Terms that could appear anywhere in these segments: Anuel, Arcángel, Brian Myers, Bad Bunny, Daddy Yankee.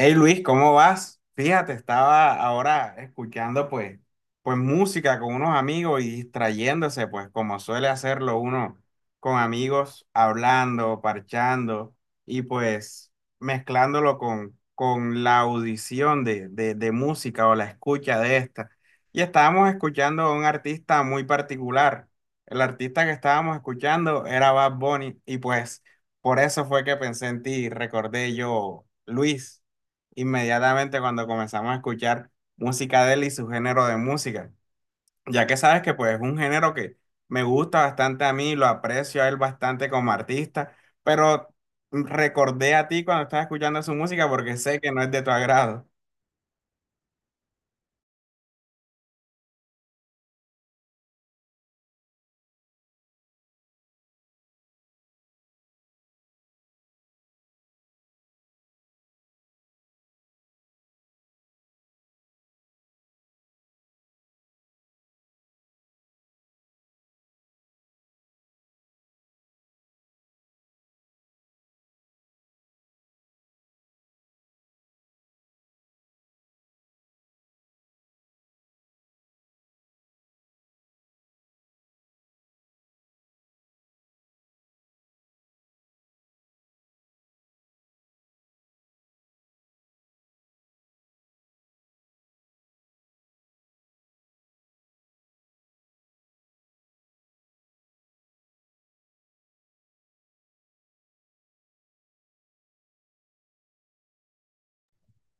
Hey Luis, ¿cómo vas? Fíjate, estaba ahora escuchando pues música con unos amigos y distrayéndose, pues como suele hacerlo uno con amigos, hablando, parchando y pues mezclándolo con la audición de música o la escucha de esta. Y estábamos escuchando a un artista muy particular. El artista que estábamos escuchando era Bad Bunny y pues por eso fue que pensé en ti, recordé yo, Luis, inmediatamente cuando comenzamos a escuchar música de él y su género de música, ya que sabes que pues es un género que me gusta bastante a mí, lo aprecio a él bastante como artista, pero recordé a ti cuando estaba escuchando su música porque sé que no es de tu agrado.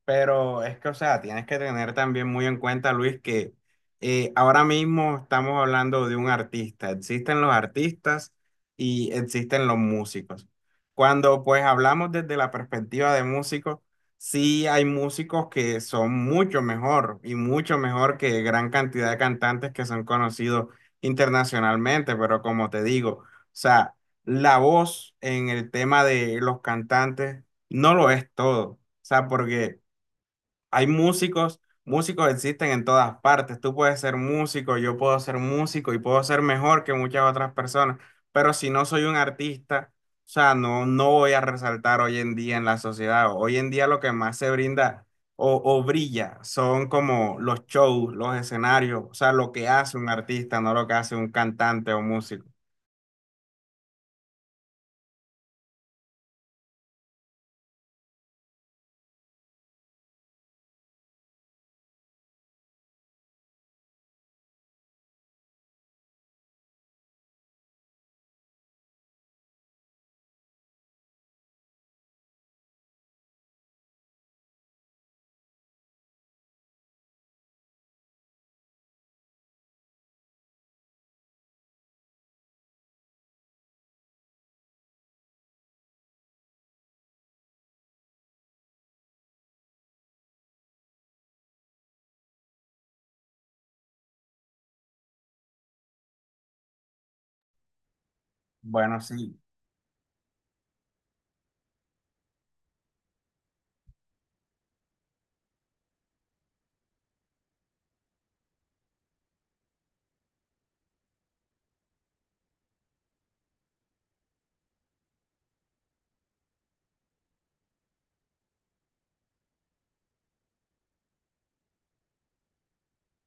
Pero es que, o sea, tienes que tener también muy en cuenta, Luis, que ahora mismo estamos hablando de un artista. Existen los artistas y existen los músicos. Cuando pues hablamos desde la perspectiva de músicos, sí hay músicos que son mucho mejor y mucho mejor que gran cantidad de cantantes que son conocidos internacionalmente, pero como te digo, o sea, la voz en el tema de los cantantes no lo es todo. O sea, porque hay músicos, músicos existen en todas partes. Tú puedes ser músico, yo puedo ser músico y puedo ser mejor que muchas otras personas, pero si no soy un artista, o sea, no, no voy a resaltar hoy en día en la sociedad. Hoy en día lo que más se brinda o brilla son como los shows, los escenarios, o sea, lo que hace un artista, no lo que hace un cantante o músico. Bueno, sí.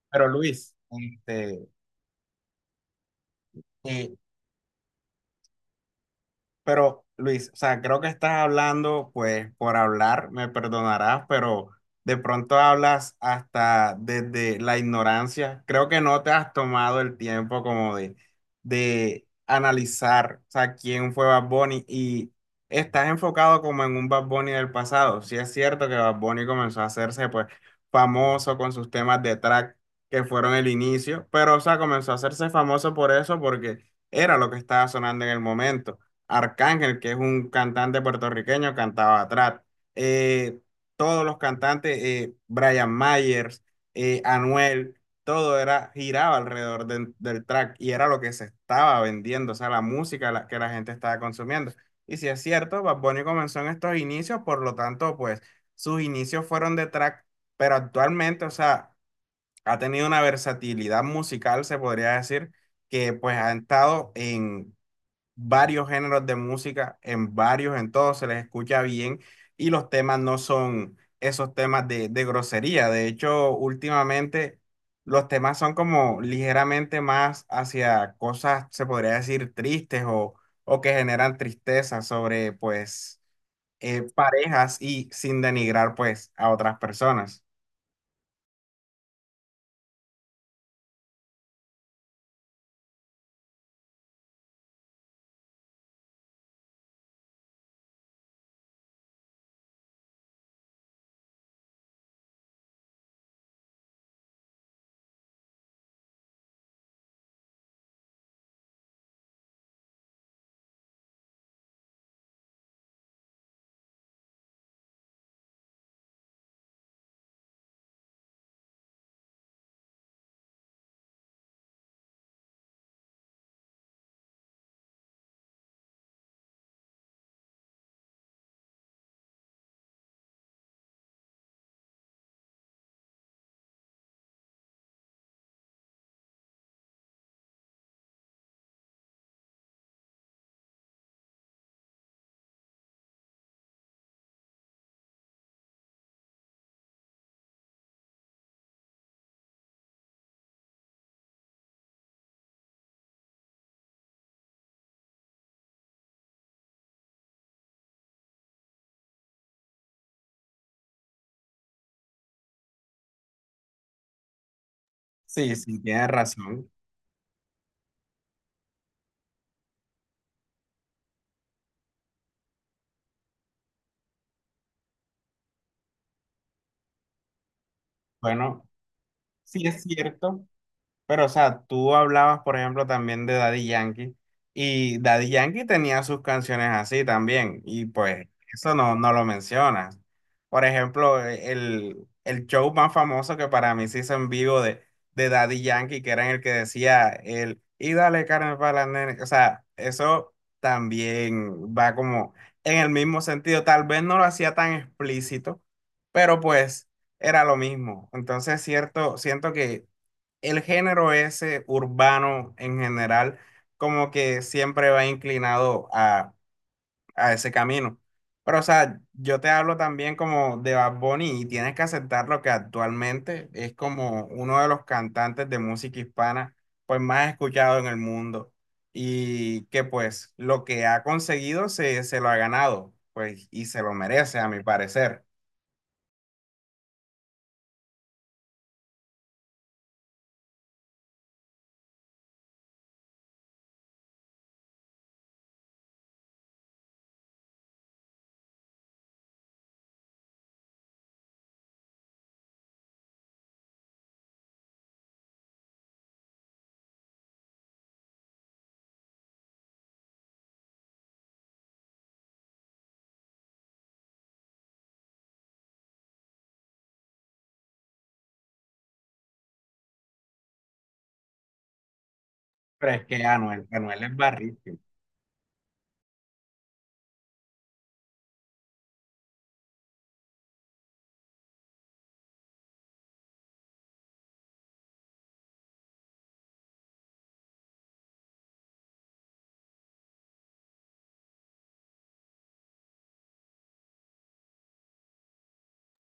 pero Luis, este, eh, Pero Luis, o sea, creo que estás hablando, pues por hablar, me perdonarás, pero de pronto hablas hasta desde la ignorancia. Creo que no te has tomado el tiempo como de analizar, o sea, quién fue Bad Bunny y estás enfocado como en un Bad Bunny del pasado. Sí es cierto que Bad Bunny comenzó a hacerse pues famoso con sus temas de track que fueron el inicio, pero o sea, comenzó a hacerse famoso por eso porque era lo que estaba sonando en el momento. Arcángel, que es un cantante puertorriqueño, cantaba trap. Eh, todos los cantantes, Brian Myers, Anuel, todo era, giraba alrededor del track y era lo que se estaba vendiendo, o sea, la música que la gente estaba consumiendo. Y si es cierto, Bad Bunny comenzó en estos inicios, por lo tanto, pues sus inicios fueron de track, pero actualmente, o sea, ha tenido una versatilidad musical, se podría decir, que pues ha estado en varios géneros de música, en varios, en todos se les escucha bien y los temas no son esos temas de grosería. De hecho, últimamente los temas son como ligeramente más hacia cosas, se podría decir, tristes o que generan tristeza sobre, pues, parejas y sin denigrar, pues, a otras personas. Sí, sí, tienes razón. Bueno, sí es cierto. Pero, o sea, tú hablabas, por ejemplo, también de Daddy Yankee, y Daddy Yankee tenía sus canciones así también, y pues eso no, no lo mencionas. Por ejemplo, el show más famoso que para mí se hizo en vivo de Daddy Yankee, que era en el que decía el, y dale carne para la nena, o sea, eso también va como en el mismo sentido, tal vez no lo hacía tan explícito, pero pues era lo mismo. Entonces, cierto, siento que el género ese urbano en general, como que siempre va inclinado a ese camino. Pero, o sea, yo te hablo también como de Bad Bunny y tienes que aceptar lo que actualmente es como uno de los cantantes de música hispana, pues más escuchado en el mundo y que pues lo que ha conseguido se lo ha ganado, pues y se lo merece a mi parecer. Pero es que Anuel es barril.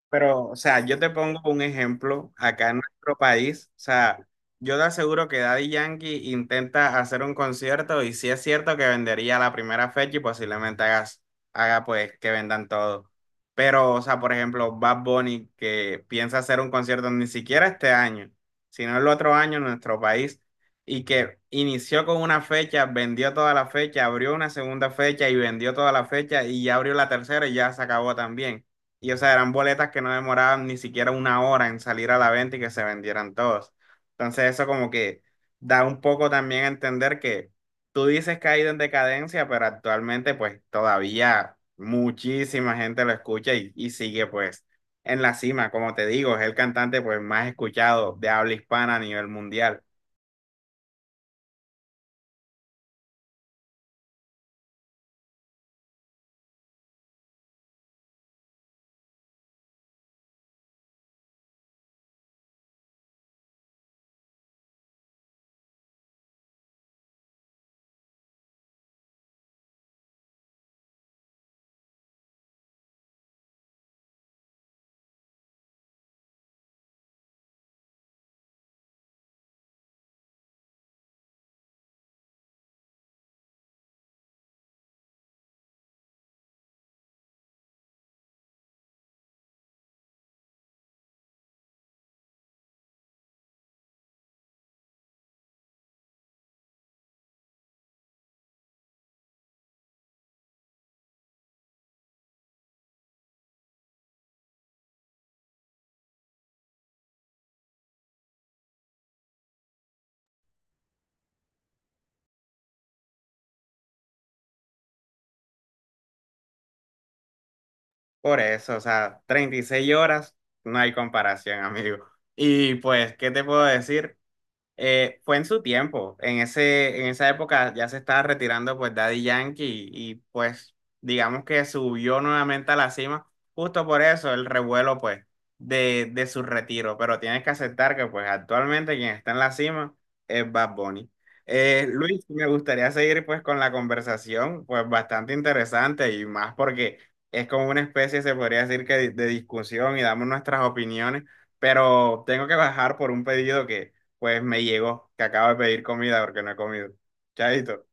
Pero, o sea, yo te pongo un ejemplo acá en nuestro país. O sea, yo te aseguro que Daddy Yankee intenta hacer un concierto y sí es cierto que vendería la primera fecha y posiblemente haga pues que vendan todo. Pero, o sea, por ejemplo, Bad Bunny que piensa hacer un concierto ni siquiera este año, sino el otro año en nuestro país y que inició con una fecha, vendió toda la fecha, abrió una segunda fecha y vendió toda la fecha y ya abrió la tercera y ya se acabó también. Y o sea, eran boletas que no demoraban ni siquiera una hora en salir a la venta y que se vendieran todos. Entonces eso como que da un poco también a entender que tú dices que ha ido en decadencia, pero actualmente pues todavía muchísima gente lo escucha y sigue pues en la cima. Como te digo, es el cantante pues más escuchado de habla hispana a nivel mundial. Por eso, o sea, 36 horas, no hay comparación, amigo. Y pues, ¿qué te puedo decir? Fue en su tiempo, en esa época ya se estaba retirando pues Daddy Yankee y, pues digamos que subió nuevamente a la cima, justo por eso el revuelo pues de su retiro, pero tienes que aceptar que pues actualmente quien está en la cima es Bad Bunny. Luis, me gustaría seguir pues con la conversación, pues bastante interesante y más porque es como una especie, se podría decir que de discusión y damos nuestras opiniones, pero tengo que bajar por un pedido que pues me llegó que acabo de pedir comida porque no he comido. Chaito.